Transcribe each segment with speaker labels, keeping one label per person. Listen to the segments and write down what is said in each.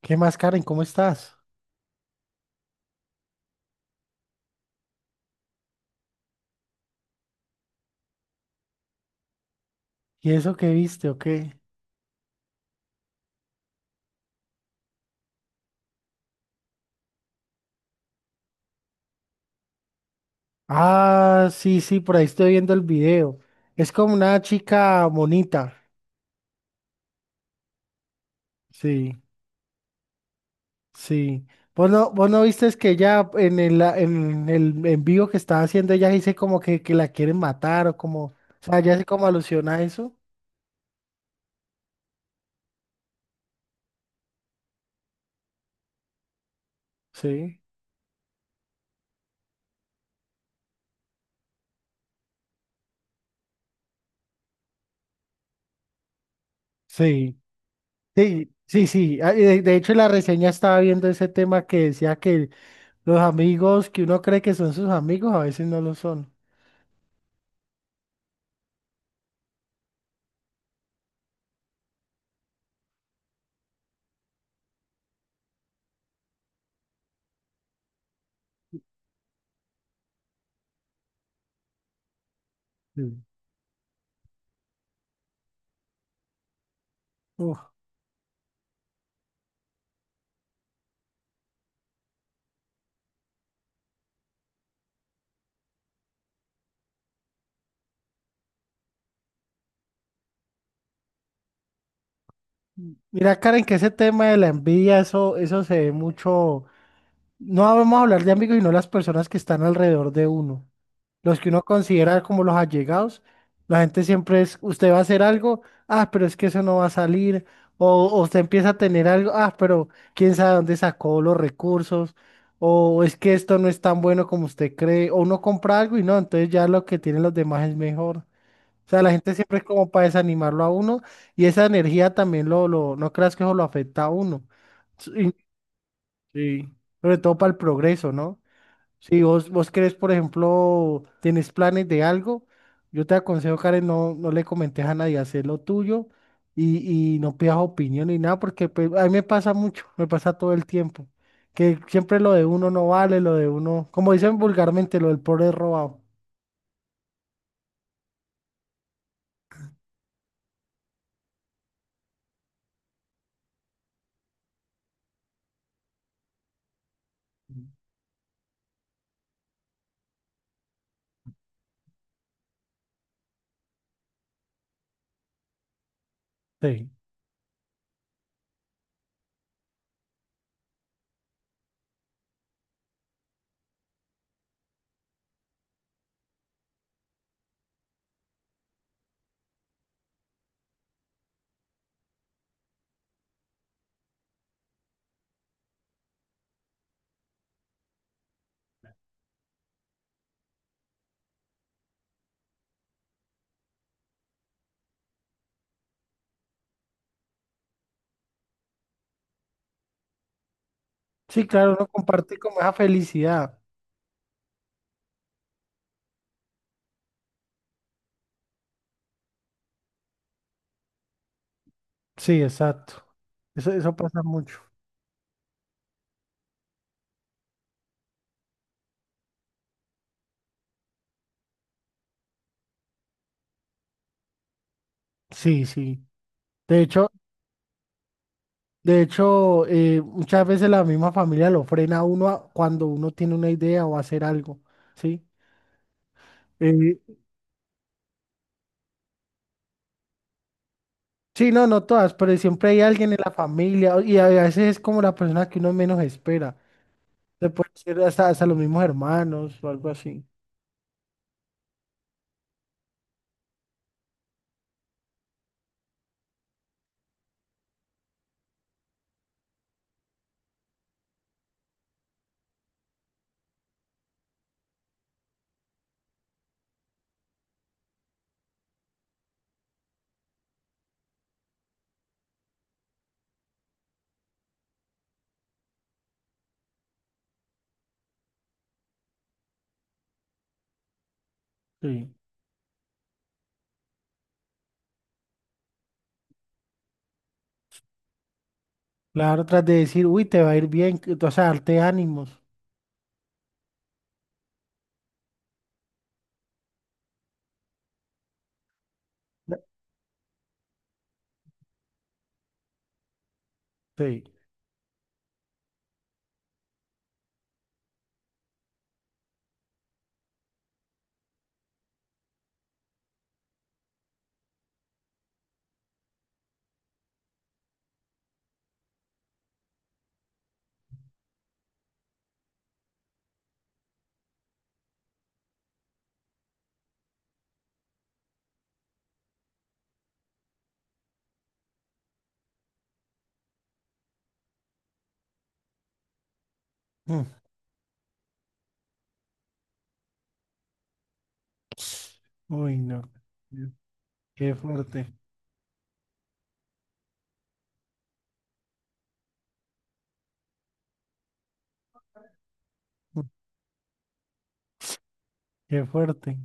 Speaker 1: ¿Qué más, Karen? ¿Cómo estás? ¿Y eso que viste o qué? Ah, sí, sí, por ahí estoy viendo el video. Es como una chica bonita. Sí, sí. Vos no viste que ella en el, la- en el en vivo que estaba haciendo, ella dice como que la quieren matar o como, o sea, ella hace como alusión a eso? Sí. Sí, sí, sí, sí. Ah, y de hecho, en la reseña estaba viendo ese tema que decía que los amigos que uno cree que son sus amigos a veces no lo son. Sí. Mira, Karen, que ese tema de la envidia, eso se ve mucho. No vamos a hablar de amigos, sino las personas que están alrededor de uno. Los que uno considera como los allegados. La gente siempre es, usted va a hacer algo, ah, pero es que eso no va a salir. O usted empieza a tener algo, ah, pero quién sabe dónde sacó los recursos. O es que esto no es tan bueno como usted cree. O uno compra algo y no, entonces ya lo que tienen los demás es mejor. O sea, la gente siempre es como para desanimarlo a uno y esa energía también no creas que eso lo afecta a uno. Sí, sí. Sobre todo para el progreso, ¿no? Si vos querés, por ejemplo, tenés planes de algo, yo te aconsejo, Karen, no le comentes a nadie, hacer lo tuyo y no pidas opinión ni nada, porque pues, a mí me pasa mucho, me pasa todo el tiempo, que siempre lo de uno no vale, lo de uno, como dicen vulgarmente, lo del pobre es robado. Sí. Sí, claro, uno comparte como esa felicidad. Sí, exacto. Eso pasa mucho. Sí, sí. De hecho, de hecho, muchas veces la misma familia lo frena a uno a- cuando uno tiene una idea o hacer algo, ¿sí? Eh, sí, no, no todas, pero siempre hay alguien en la familia o- y a veces es como la persona que uno menos espera. Se puede ser hasta, hasta los mismos hermanos o algo así. Sí. Claro, tras de decir, uy, te va a ir bien, que- o sea, darte ánimos. Sí. Mm. Uy, no. Qué fuerte. Mm. Qué fuerte.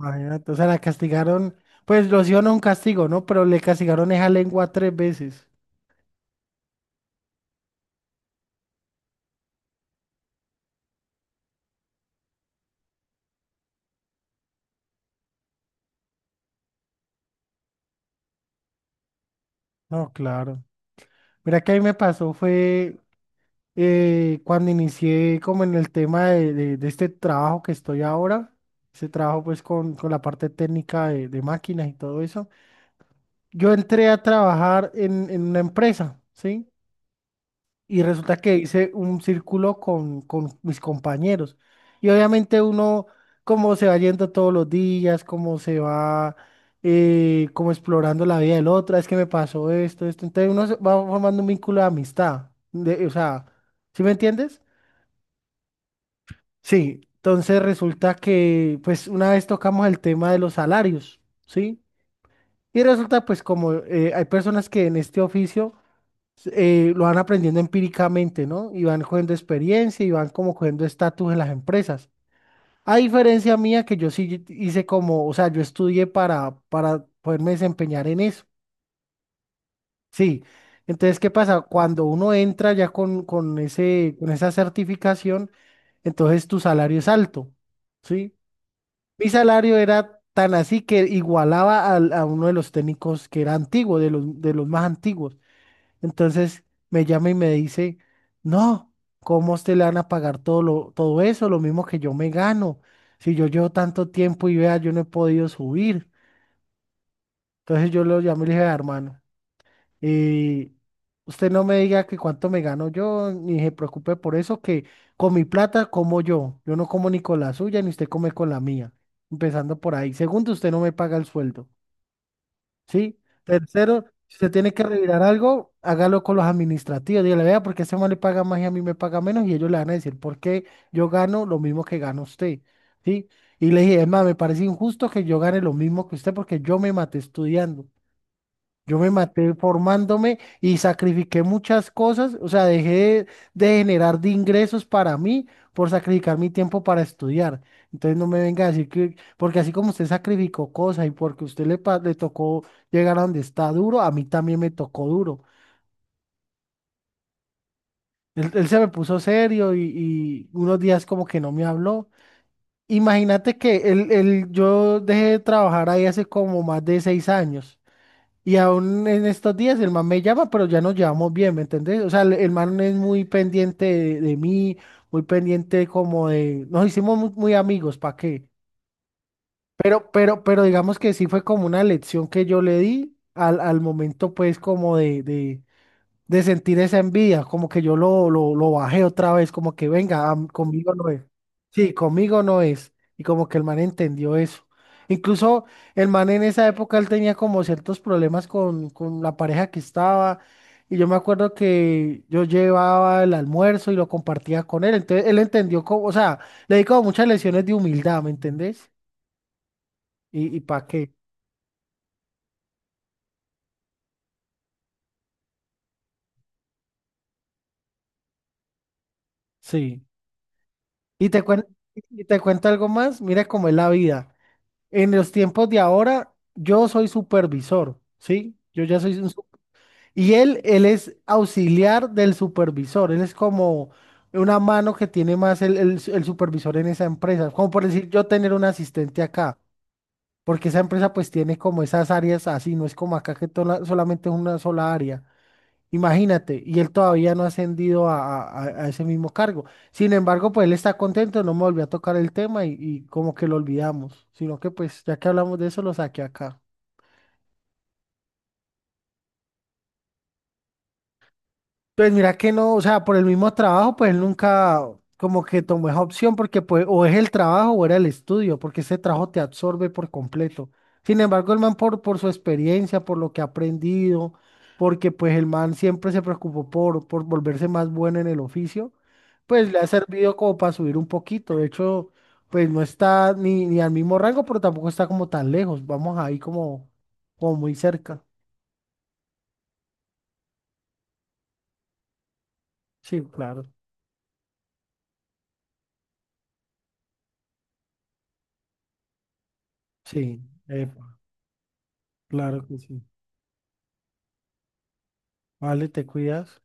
Speaker 1: Imagínate, o sea, la castigaron, pues lo hicieron a un castigo, ¿no? Pero le castigaron esa lengua tres veces. No, claro. Mira que a mí me pasó fue cuando inicié como en el tema de este trabajo que estoy ahora, ese trabajo pues con la parte técnica de máquinas y todo eso. Yo entré a trabajar en una empresa, ¿sí? Y resulta que hice un círculo con mis compañeros. Y obviamente uno, como se va yendo todos los días, como se va como explorando la vida del otro, "Ah, es que me pasó esto, esto". Entonces uno se va formando un vínculo de amistad, de- o sea, ¿sí me entiendes? Sí. Entonces resulta que, pues una vez tocamos el tema de los salarios, ¿sí? Y resulta pues como hay personas que en este oficio lo van aprendiendo empíricamente, ¿no? Y van cogiendo experiencia y van como cogiendo estatus en las empresas. A diferencia mía, que yo sí hice como, o sea, yo estudié para poderme desempeñar en eso. Sí. Entonces, ¿qué pasa? Cuando uno entra ya con ese, con esa certificación, entonces tu salario es alto, ¿sí? Mi salario era tan así que igualaba al- a uno de los técnicos que era antiguo, de los más antiguos. Entonces me llama y me dice, no, ¿cómo a usted le van a pagar todo, lo, todo eso? Lo mismo que yo me gano. Si yo llevo tanto tiempo y vea, yo no he podido subir. Entonces yo lo llamé y le dije, "Vea, hermano, eh, usted no me diga que cuánto me gano yo, ni se preocupe por eso, que con mi plata como yo. Yo no como ni con la suya, ni usted come con la mía. Empezando por ahí. Segundo, usted no me paga el sueldo, ¿sí? Tercero, si se tiene que revirar algo, hágalo con los administrativos. Dígale, vea, ¿porque ese man le paga más y a mí me paga menos? Y ellos le van a decir, ¿por qué yo gano lo mismo que gana usted? ¿Sí? Y le dije, es más, me parece injusto que yo gane lo mismo que usted porque yo me maté estudiando. Yo me maté formándome y sacrifiqué muchas cosas, o sea, dejé de generar de ingresos para mí por sacrificar mi tiempo para estudiar. Entonces no me venga a decir que, porque así como usted sacrificó cosas y porque usted le, pa- le tocó llegar a donde está duro, a mí también me tocó duro. Él se me puso serio y unos días como que no me habló. Imagínate que él- yo dejé de trabajar ahí hace como más de 6 años. Y aún en estos días el man me llama, pero ya nos llevamos bien, ¿me entendés? O sea, el man es muy pendiente de mí, muy pendiente como de... Nos hicimos muy, muy amigos, ¿para qué? Pero digamos que sí fue como una lección que yo le di al, al momento, pues, como de sentir esa envidia, como que yo lo bajé otra vez, como que venga, am- conmigo no es. Sí, conmigo no es. Y como que el man entendió eso. Incluso el man en esa época él tenía como ciertos problemas con la pareja que estaba. Y yo me acuerdo que yo llevaba el almuerzo y lo compartía con él. Entonces él entendió como, o sea, le di como muchas lecciones de humildad, ¿me entendés? Y para qué. Sí. Y te cuen- y te cuento algo más, mira cómo es la vida. En los tiempos de ahora, yo soy supervisor, ¿sí? Yo ya soy un... su- Y él es auxiliar del supervisor, él es como una mano que tiene más el su- el supervisor en esa empresa, como por decir yo tener un asistente acá, porque esa empresa pues tiene como esas áreas así, no es como acá que tola- solamente es una sola área. Imagínate, y él todavía no ha ascendido a ese mismo cargo. Sin embargo, pues él está contento, no me volvió a tocar el tema y como que lo olvidamos, sino que pues ya que hablamos de eso, lo saqué acá. Pues mira que no, o sea, por el mismo trabajo, pues él nunca como que tomó esa opción porque pues o es el trabajo o era el estudio, porque ese trabajo te absorbe por completo. Sin embargo, el man por su experiencia, por lo que ha aprendido, porque pues el man siempre se preocupó por volverse más bueno en el oficio, pues le ha servido como para subir un poquito. De hecho, pues no está ni, ni al mismo rango, pero tampoco está como tan lejos. Vamos ahí como, como muy cerca. Sí, claro. Sí, epa, claro que sí. Vale, te cuidas.